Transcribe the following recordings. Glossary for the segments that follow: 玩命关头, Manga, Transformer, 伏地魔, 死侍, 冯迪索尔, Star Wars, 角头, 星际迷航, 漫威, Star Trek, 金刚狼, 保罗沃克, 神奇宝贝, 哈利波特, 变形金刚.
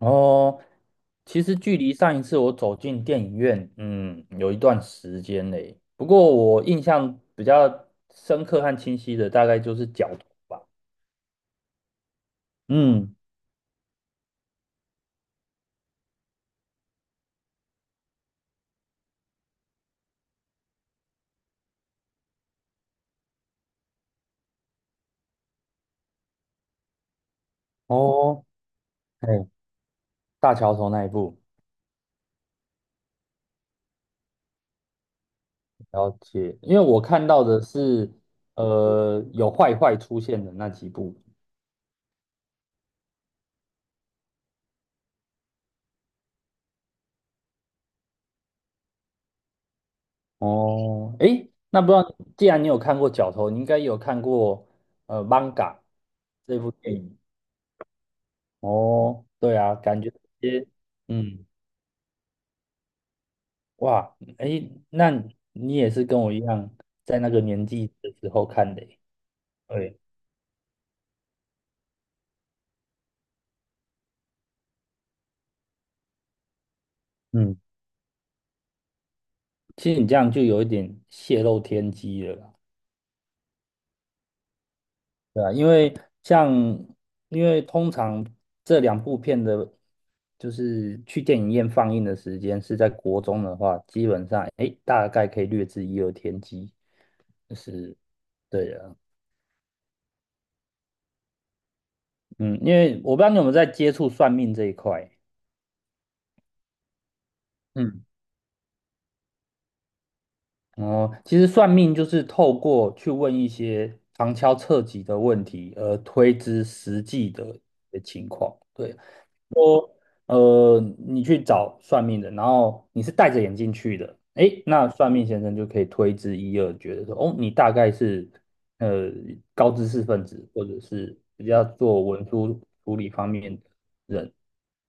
哦，其实距离上一次我走进电影院，有一段时间嘞。不过我印象比较深刻和清晰的，大概就是角头吧。嗯。哦，哎，大桥头那一部，了解。因为我看到的是，有坏坏出现的那几部。哦，哎，那不知道，既然你有看过角头，你应该也有看过《Manga》这部电影。哦，对啊，感觉这些。嗯。哇，哎，那你也是跟我一样，在那个年纪的时候看的诶。对。嗯，其实你这样就有一点泄露天机了啦，对吧？因为像，因为通常这两部片的，就是去电影院放映的时间是在国中的话，基本上，哎，大概可以略知一二天机，就是，对啊。嗯，因为我不知道你有没有在接触算命这一块。嗯。哦，其实算命就是透过去问一些旁敲侧击的问题，而推知实际的一些情况。对，说你去找算命的，然后你是戴着眼镜去的，诶，那算命先生就可以推知一二，觉得说，哦，你大概是呃高知识分子，或者是比较做文书处理方面的人。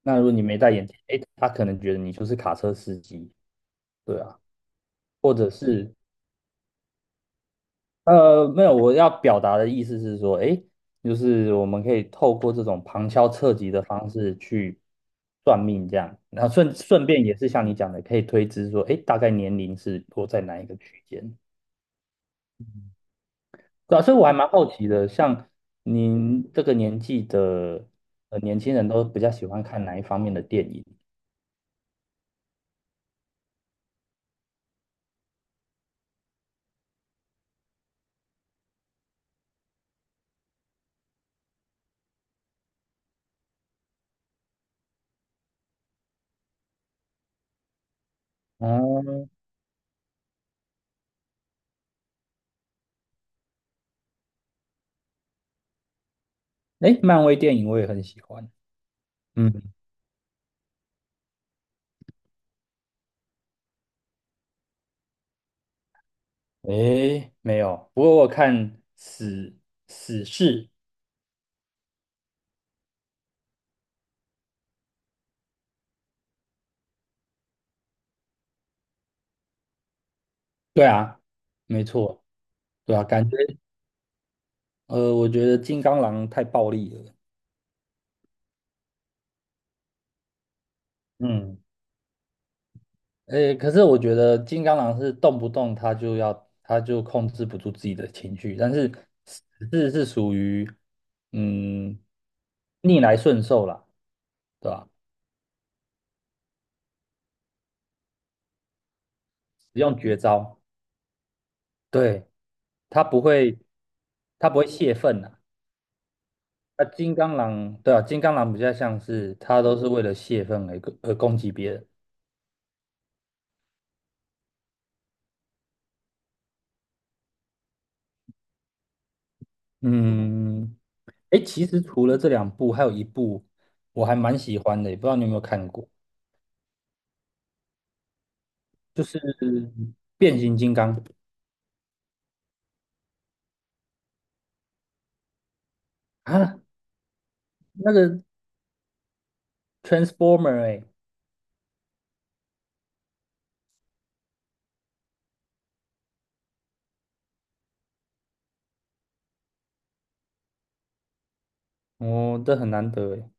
那如果你没戴眼镜，诶，他可能觉得你就是卡车司机，对啊，或者是没有，我要表达的意思是说，诶，就是我们可以透过这种旁敲侧击的方式去算命，这样，然后顺便也是像你讲的，可以推知说，诶，大概年龄是落在哪一个区间，对啊，所以我还蛮好奇的，像您这个年纪的年轻人都比较喜欢看哪一方面的电影？哦，诶，漫威电影我也很喜欢。嗯，诶，没有，不过我看死死侍，对啊，没错。对啊，感觉我觉得金刚狼太暴力了。嗯，诶，可是我觉得金刚狼是动不动他就要，他就控制不住自己的情绪，但是狮子是属于嗯逆来顺受啦，对吧？使用绝招，对，他不会，他不会泄愤啊。那金刚狼，对啊，金刚狼比较像是他都是为了泄愤而攻击别人。嗯，哎，其实除了这两部，还有一部我还蛮喜欢的，也不知道你有没有看过，就是变形金刚啊，那个 Transformer 哎。哦，这很难得哎。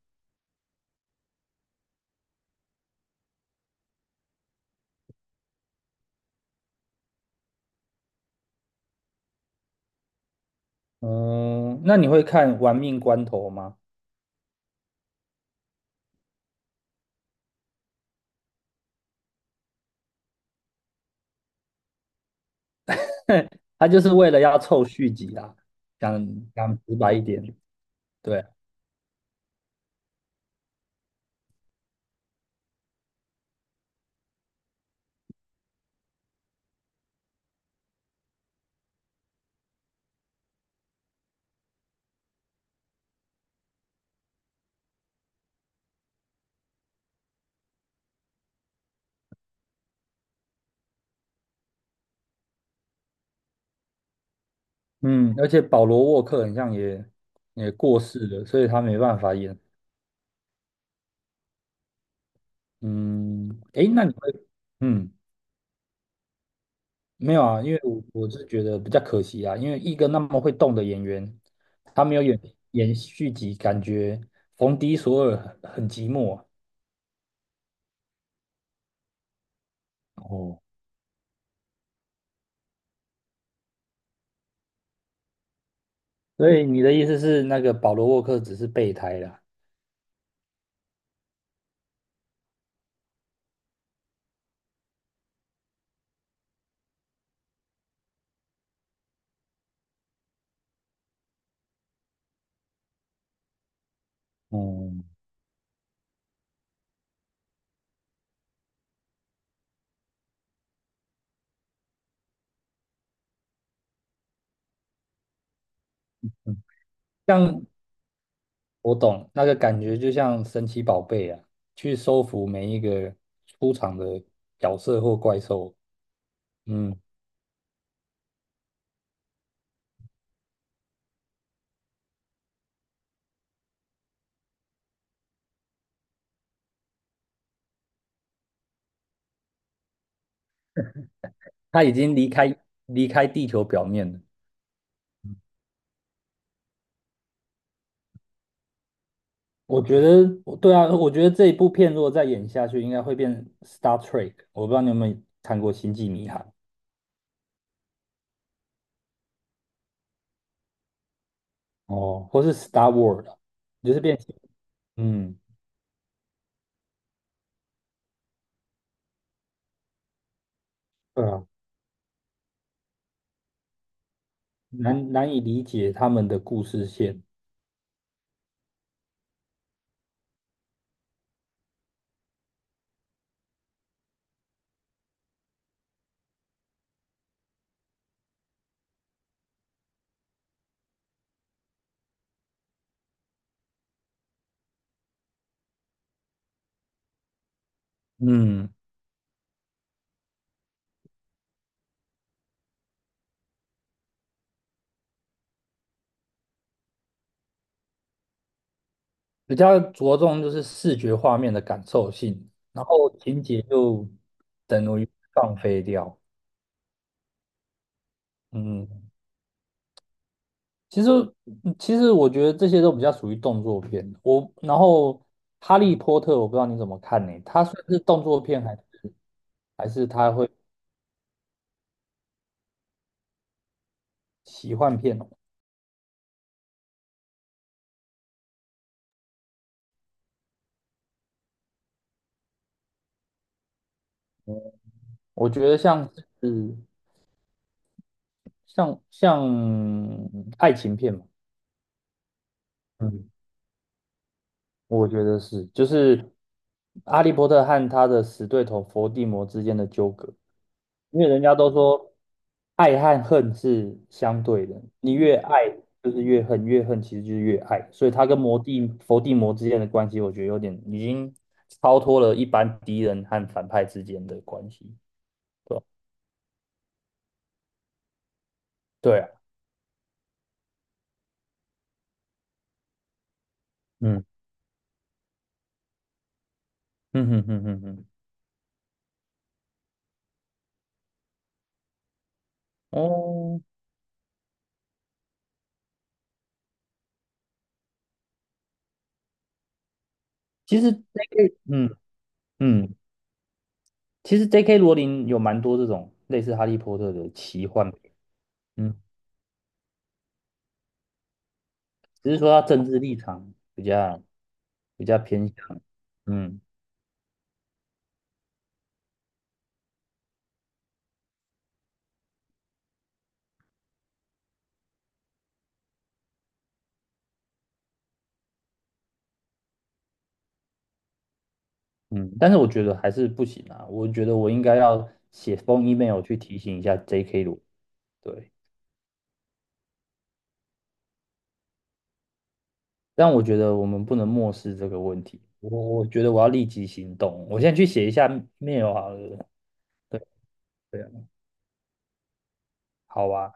嗯，那你会看《玩命关头》吗？他就是为了要凑续集啦，讲讲直白一点，对。嗯，而且保罗沃克很像也也过世了，所以他没办法演。嗯，哎，那你会，嗯。没有啊，因为我是觉得比较可惜啊，因为一个那么会动的演员，他没有演续集，感觉冯迪索尔很寂寞啊。哦，所以你的意思是，那个保罗沃克只是备胎啦？哦，嗯，像我懂那个感觉，就像神奇宝贝啊，去收服每一个出场的角色或怪兽。嗯，他已经离开地球表面了。我觉得，对啊，我觉得这一部片如果再演下去，应该会变 Star Trek。我不知道你有没有看过《星际迷航》？哦，或是 Star Wars,啊就是变。嗯，对啊，难以理解他们的故事线。嗯，比较着重就是视觉画面的感受性，然后情节就等于放飞掉。嗯，其实，其实我觉得这些都比较属于动作片。我然后《哈利波特》，我不知道你怎么看呢、它算是动作片还是还是它会奇幻片哦，我觉得像是像像爱情片嘛。嗯，我觉得是，就是《哈利波特》和他的死对头伏地魔之间的纠葛。因为人家都说爱和恨是相对的，你越爱就是越恨，越恨其实就是越爱，所以他跟魔帝佛帝魔之间的关系，我觉得有点已经超脱了一般敌人和反派之间的关系。对啊。嗯，嗯哼哼哼哼。哦，其实 J.K. 嗯，其实 J.K. 罗琳有蛮多这种类似哈利波特的奇幻片。嗯，只是说他政治立场比较比较偏向。嗯。嗯，但是我觉得还是不行啊，我觉得我应该要写封 email 去提醒一下 J.K. 罗，对，但我觉得我们不能漠视这个问题，我觉得我要立即行动，我现在去写一下 mail 好了，对，对啊，好吧。